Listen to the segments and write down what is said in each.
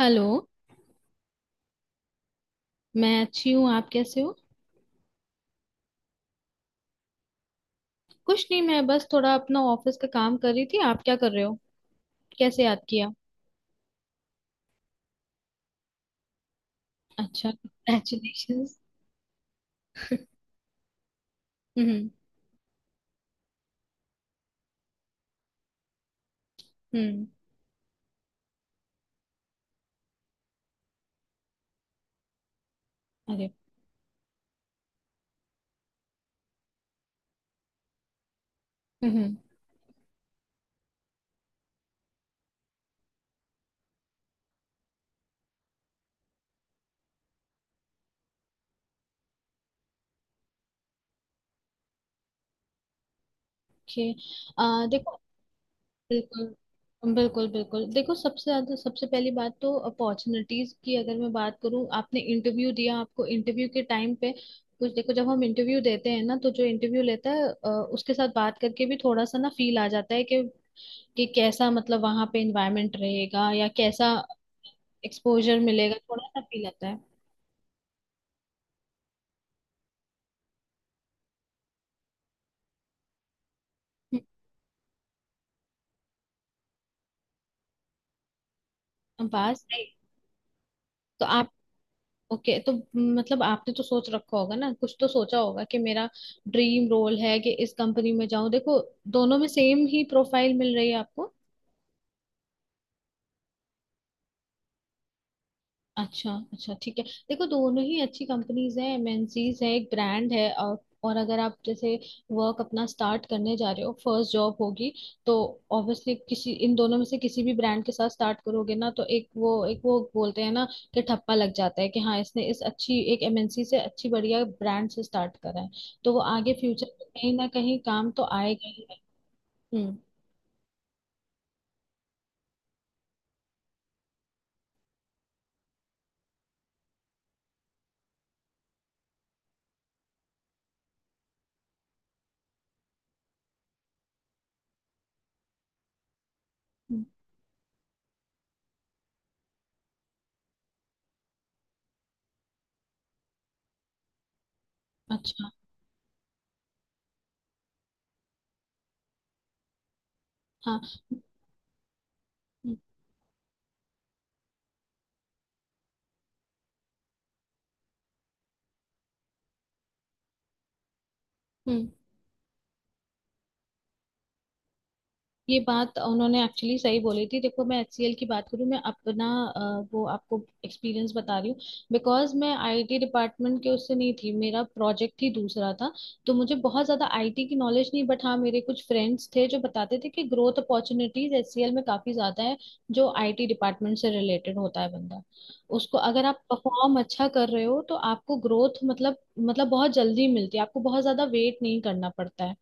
Hello. मैं अच्छी हूँ, आप कैसे हो? कुछ नहीं, मैं बस थोड़ा अपना ऑफिस का काम कर रही थी। आप क्या कर रहे हो? कैसे याद किया? अच्छा, कंग्रेचुलेशन। हम्म। हम्म। अरे। हम्म। ओके। आ देखो, बिल्कुल। बिल्कुल देखो, सबसे ज्यादा सबसे पहली बात तो अपॉर्चुनिटीज की अगर मैं बात करूँ, आपने इंटरव्यू दिया, आपको इंटरव्यू के टाइम पे कुछ, देखो, जब हम इंटरव्यू देते हैं ना, तो जो इंटरव्यू लेता है उसके साथ बात करके भी थोड़ा सा ना फील आ जाता है कि कैसा, मतलब वहां पे एनवायरनमेंट रहेगा या कैसा एक्सपोजर मिलेगा, थोड़ा सा फील आता है। बात सही। तो आप, ओके तो मतलब आपने तो सोच रखा होगा ना, कुछ तो सोचा होगा कि मेरा ड्रीम रोल है कि इस कंपनी में जाऊं। देखो, दोनों में सेम ही प्रोफाइल मिल रही है आपको। अच्छा अच्छा, ठीक है, देखो दोनों ही अच्छी कंपनीज हैं, एमएनसीज है, एक ब्रांड है। और अगर आप जैसे वर्क अपना स्टार्ट करने जा रहे हो, फर्स्ट जॉब होगी, तो ऑब्वियसली किसी इन दोनों में से किसी भी ब्रांड के साथ स्टार्ट करोगे ना, तो एक वो बोलते हैं ना कि ठप्पा लग जाता है कि हाँ इसने इस अच्छी एक एमएनसी से, अच्छी बढ़िया ब्रांड से स्टार्ट करा है, तो वो आगे फ्यूचर में कहीं ना कहीं काम तो आएगा ही है। हम्म। हम्म। अच्छा। हाँ हम्म। हम्म। हम्म। ये बात उन्होंने एक्चुअली सही बोली थी। देखो, मैं एचसीएल की बात करूँ, मैं अपना वो आपको एक्सपीरियंस बता रही हूँ, बिकॉज मैं आईटी डिपार्टमेंट के उससे नहीं थी, मेरा प्रोजेक्ट ही दूसरा था, तो मुझे बहुत ज़्यादा आईटी की नॉलेज नहीं। बट हाँ, मेरे कुछ फ्रेंड्स थे जो बताते थे कि ग्रोथ अपॉर्चुनिटीज एचसीएल में काफ़ी ज़्यादा है। जो आईटी डिपार्टमेंट से रिलेटेड होता है बंदा, उसको अगर आप परफॉर्म अच्छा कर रहे हो, तो आपको ग्रोथ मतलब बहुत जल्दी मिलती है, आपको बहुत ज़्यादा वेट नहीं करना पड़ता है।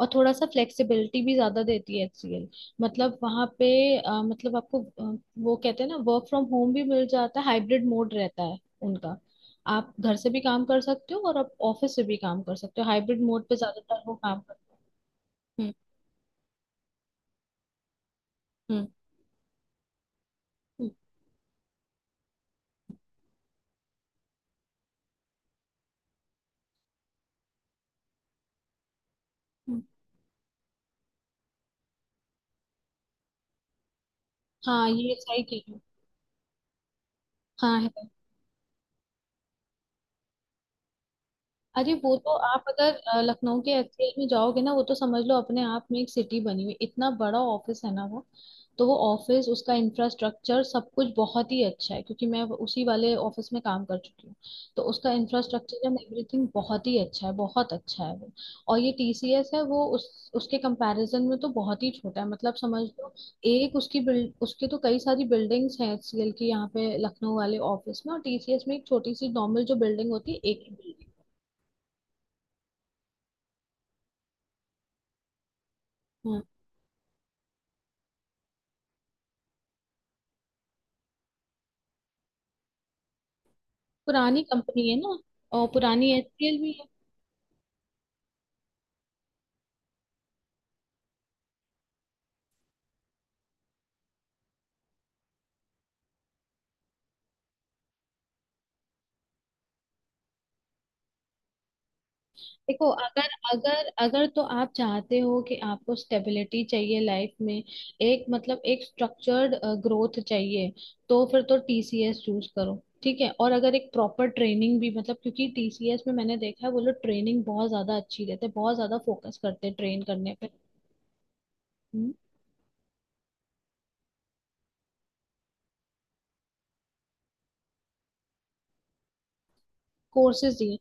और थोड़ा सा फ्लेक्सिबिलिटी भी ज्यादा देती है HCL। मतलब वहाँ पे मतलब आपको वो कहते हैं ना, वर्क फ्रॉम होम भी मिल जाता है, हाइब्रिड मोड रहता है उनका। आप घर से भी काम कर सकते हो और आप ऑफिस से भी काम कर सकते हो, हाइब्रिड मोड पे ज्यादातर वो काम करते हैं। हम्म। हम्म। हम्म। हम्म। हाँ, ये सही कह रही हो। हाँ है। अरे वो तो, आप अगर लखनऊ के एचसीएल में जाओगे ना, वो तो समझ लो अपने आप में एक सिटी बनी हुई, इतना बड़ा ऑफिस है ना वो। तो वो ऑफिस, उसका इंफ्रास्ट्रक्चर सब कुछ बहुत ही अच्छा है क्योंकि मैं उसी वाले ऑफिस में काम कर चुकी हूँ। तो उसका इंफ्रास्ट्रक्चर एंड एवरीथिंग बहुत ही अच्छा है, बहुत अच्छा है वो। और ये टीसीएस है वो, उस उसके कंपैरिजन में तो बहुत ही छोटा है। मतलब समझ लो एक उसकी बिल्ड, उसके तो कई सारी बिल्डिंग्स हैं एचसीएल की यहाँ पे लखनऊ वाले ऑफिस में, और टीसीएस में एक छोटी सी नॉर्मल जो बिल्डिंग होती है, एक ही बिल्डिंग। पुरानी कंपनी है ना। और पुरानी एचसीएल भी है। देखो, अगर अगर अगर तो आप चाहते हो कि आपको स्टेबिलिटी चाहिए लाइफ में, एक मतलब एक स्ट्रक्चर्ड ग्रोथ चाहिए, तो फिर तो टीसीएस चूज करो, ठीक है। और अगर एक प्रॉपर ट्रेनिंग भी मतलब, क्योंकि टीसीएस में मैंने देखा है वो लोग ट्रेनिंग बहुत ज्यादा अच्छी देते हैं, बहुत ज्यादा फोकस करते हैं ट्रेन करने पे। कोर्सेज दिए?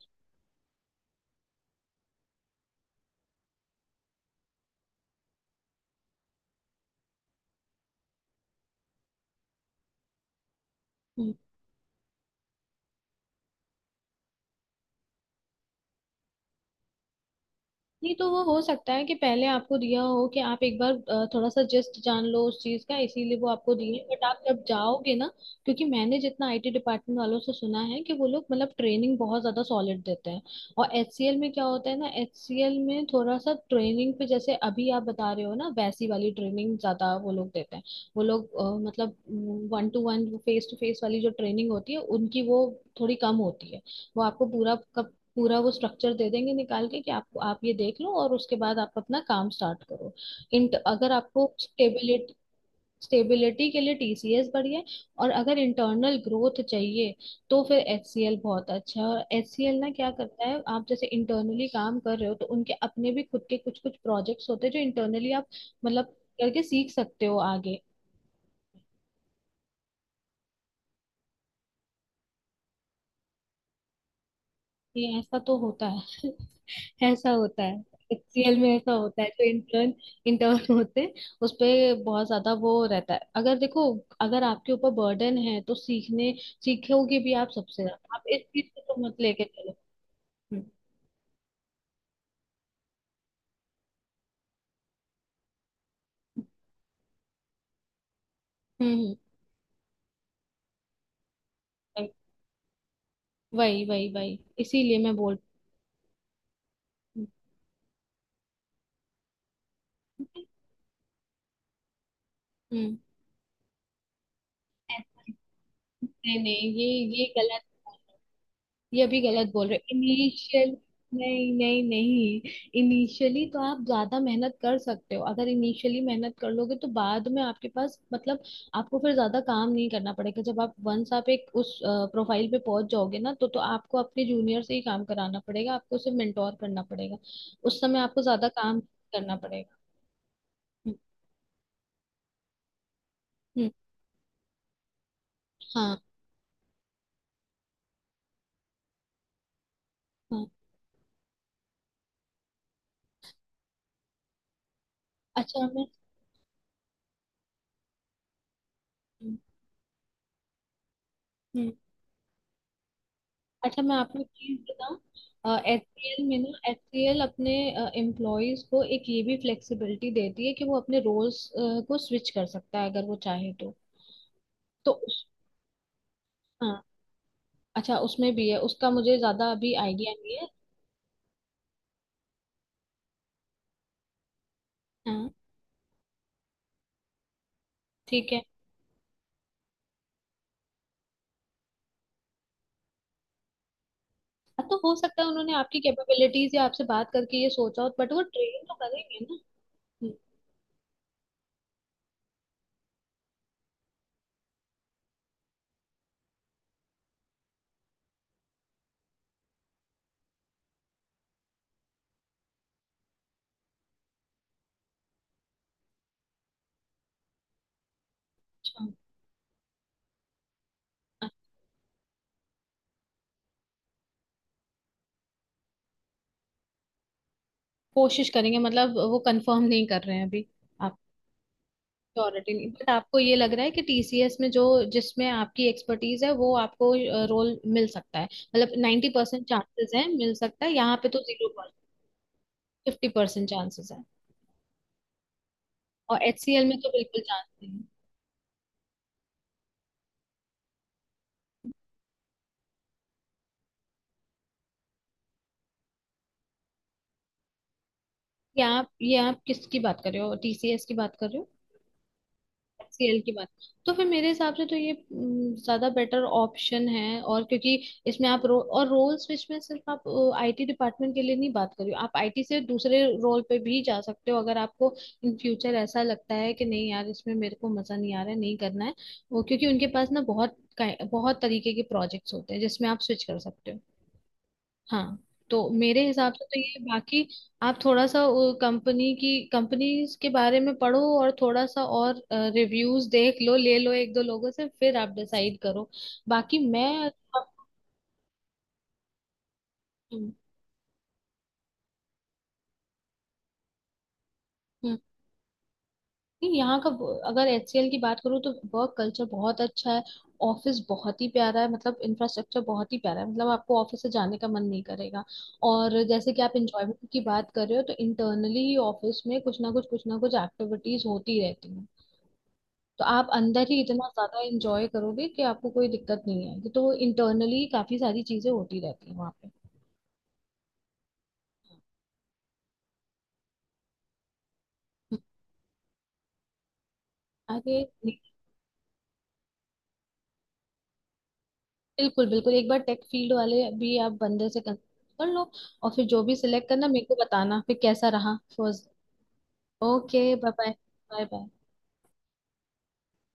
हम्म। नहीं, तो वो हो सकता है कि पहले आपको दिया हो कि आप एक बार थोड़ा सा जस्ट जान लो उस चीज का, इसीलिए वो आपको दिए। बट आप जब जाओगे ना, क्योंकि मैंने जितना आईटी डिपार्टमेंट वालों से सुना है कि वो लोग मतलब ट्रेनिंग बहुत ज्यादा सॉलिड देते हैं। और एचसीएल में क्या होता है ना, एचसीएल में थोड़ा सा ट्रेनिंग पे जैसे अभी आप बता रहे हो ना, वैसी वाली ट्रेनिंग ज्यादा वो लोग देते हैं। वो लोग मतलब one to one face to face वाली जो ट्रेनिंग होती है उनकी, वो थोड़ी कम होती है। वो आपको पूरा का पूरा वो स्ट्रक्चर दे देंगे निकाल के कि आपको आप ये देख लो, और उसके बाद आप अपना काम स्टार्ट करो। इन अगर आपको स्टेबिलिटी, स्टेबिलिटी के लिए टीसीएस बढ़िया है। और अगर इंटरनल ग्रोथ चाहिए, तो फिर एचसीएल बहुत अच्छा है। और एचसीएल ना क्या करता है, आप जैसे इंटरनली काम कर रहे हो, तो उनके अपने भी खुद के कुछ कुछ प्रोजेक्ट्स होते हैं जो इंटरनली आप मतलब करके सीख सकते हो आगे। ये ऐसा तो होता है। ऐसा होता है, एचसीएल में ऐसा होता है। जो इंटर्न इंटर्न होते हैं उस पे बहुत ज्यादा वो रहता है। अगर देखो, अगर आपके ऊपर बर्डन है तो सीखने सीखोगे भी आप सबसे ज्यादा, आप इस चीज को तो मत लेके चलो। हम्म। हम्म। हम्म, वही वही वही इसीलिए मैं बोल। हम्म। ऐसा नहीं नहीं, ये ये गलत, ये भी गलत बोल रहे। इनिशियल नहीं नहीं नहीं, इनिशियली तो आप ज्यादा मेहनत कर सकते हो। अगर इनिशियली मेहनत कर लोगे तो बाद में आपके पास मतलब, आपको फिर ज्यादा काम नहीं करना पड़ेगा। जब आप वंस आप एक उस प्रोफाइल पे पहुंच जाओगे ना, तो आपको अपने जूनियर से ही काम कराना पड़ेगा, आपको उसे मेंटोर करना पड़ेगा। उस समय आपको ज्यादा काम करना पड़ेगा। हम्म। हम्म, हाँ। हाँ, अच्छा। मैं हम्म। हम्म। अच्छा, मैं आपको एक चीज बताऊं, एचसीएल में ना, एचसीएल अपने एम्प्लॉयज को एक ये भी फ्लेक्सिबिलिटी देती है कि वो अपने रोल्स को स्विच कर सकता है अगर वो चाहे तो। तो उस, हाँ। अच्छा, उसमें भी है, उसका मुझे ज्यादा अभी आइडिया नहीं है। हाँ, ठीक है। हाँ, तो हो सकता है उन्होंने आपकी कैपेबिलिटीज या आपसे बात करके ये सोचा हो, बट वो ट्रेन तो करेंगे ना। अच्छा। अच्छा, हाँ, कोशिश करेंगे मतलब वो कंफर्म नहीं कर रहे हैं अभी आप। श्योरिटी नहीं, बट आपको ये लग रहा है कि टीसीएस में जो जिसमें आपकी एक्सपर्टीज है वो आपको रोल मिल सकता है, मतलब नाइन्टी परसेंट चांसेस है मिल सकता है, यहाँ पे तो जीरो। फिफ्टी परसेंट चांसेस है। और एचसीएल में तो बिल्कुल चांस नहीं है। ये आप, ये आप किसकी बात कर रहे हो, टीसीएस की बात कर रहे हो? एचसीएल की बात, तो फिर मेरे हिसाब से तो ये ज्यादा बेटर ऑप्शन है। और क्योंकि इसमें आप और रोल स्विच में सिर्फ आप आईटी डिपार्टमेंट के लिए नहीं बात कर रही हो, आप आईटी से दूसरे रोल पे भी जा सकते हो अगर आपको इन फ्यूचर ऐसा लगता है कि नहीं यार, इसमें मेरे को मजा नहीं आ रहा है, नहीं करना है वो। क्योंकि उनके पास ना बहुत बहुत तरीके के प्रोजेक्ट्स होते हैं जिसमें आप स्विच कर सकते हो। हाँ, तो मेरे हिसाब से तो ये। बाकी आप थोड़ा सा कंपनी की कंपनीज के बारे में पढ़ो और थोड़ा सा और रिव्यूज देख लो, ले लो एक दो लोगों से, फिर आप डिसाइड करो। बाकी मैं हम्म। हम्म। नहीं, यहाँ का अगर एचसीएल की बात करूँ तो वर्क कल्चर बहुत अच्छा है, ऑफिस बहुत ही प्यारा है, मतलब इंफ्रास्ट्रक्चर बहुत ही प्यारा है, मतलब आपको ऑफिस से जाने का मन नहीं करेगा। और जैसे कि आप एंजॉयमेंट की बात कर रहे हो, तो इंटरनली ही ऑफिस में कुछ ना कुछ, कुछ ना कुछ एक्टिविटीज होती रहती हैं। तो आप अंदर ही इतना ज्यादा एंजॉय करोगे कि आपको कोई दिक्कत नहीं आएगी, तो इंटरनली काफी सारी चीजें होती रहती हैं वहाँ पे। अरे बिल्कुल, बिल्कुल एक बार टेक फील्ड वाले भी आप बंदे से कर कर लो। और फिर जो भी सिलेक्ट करना मेरे को बताना फिर कैसा रहा first. Okay, bye bye. Bye bye.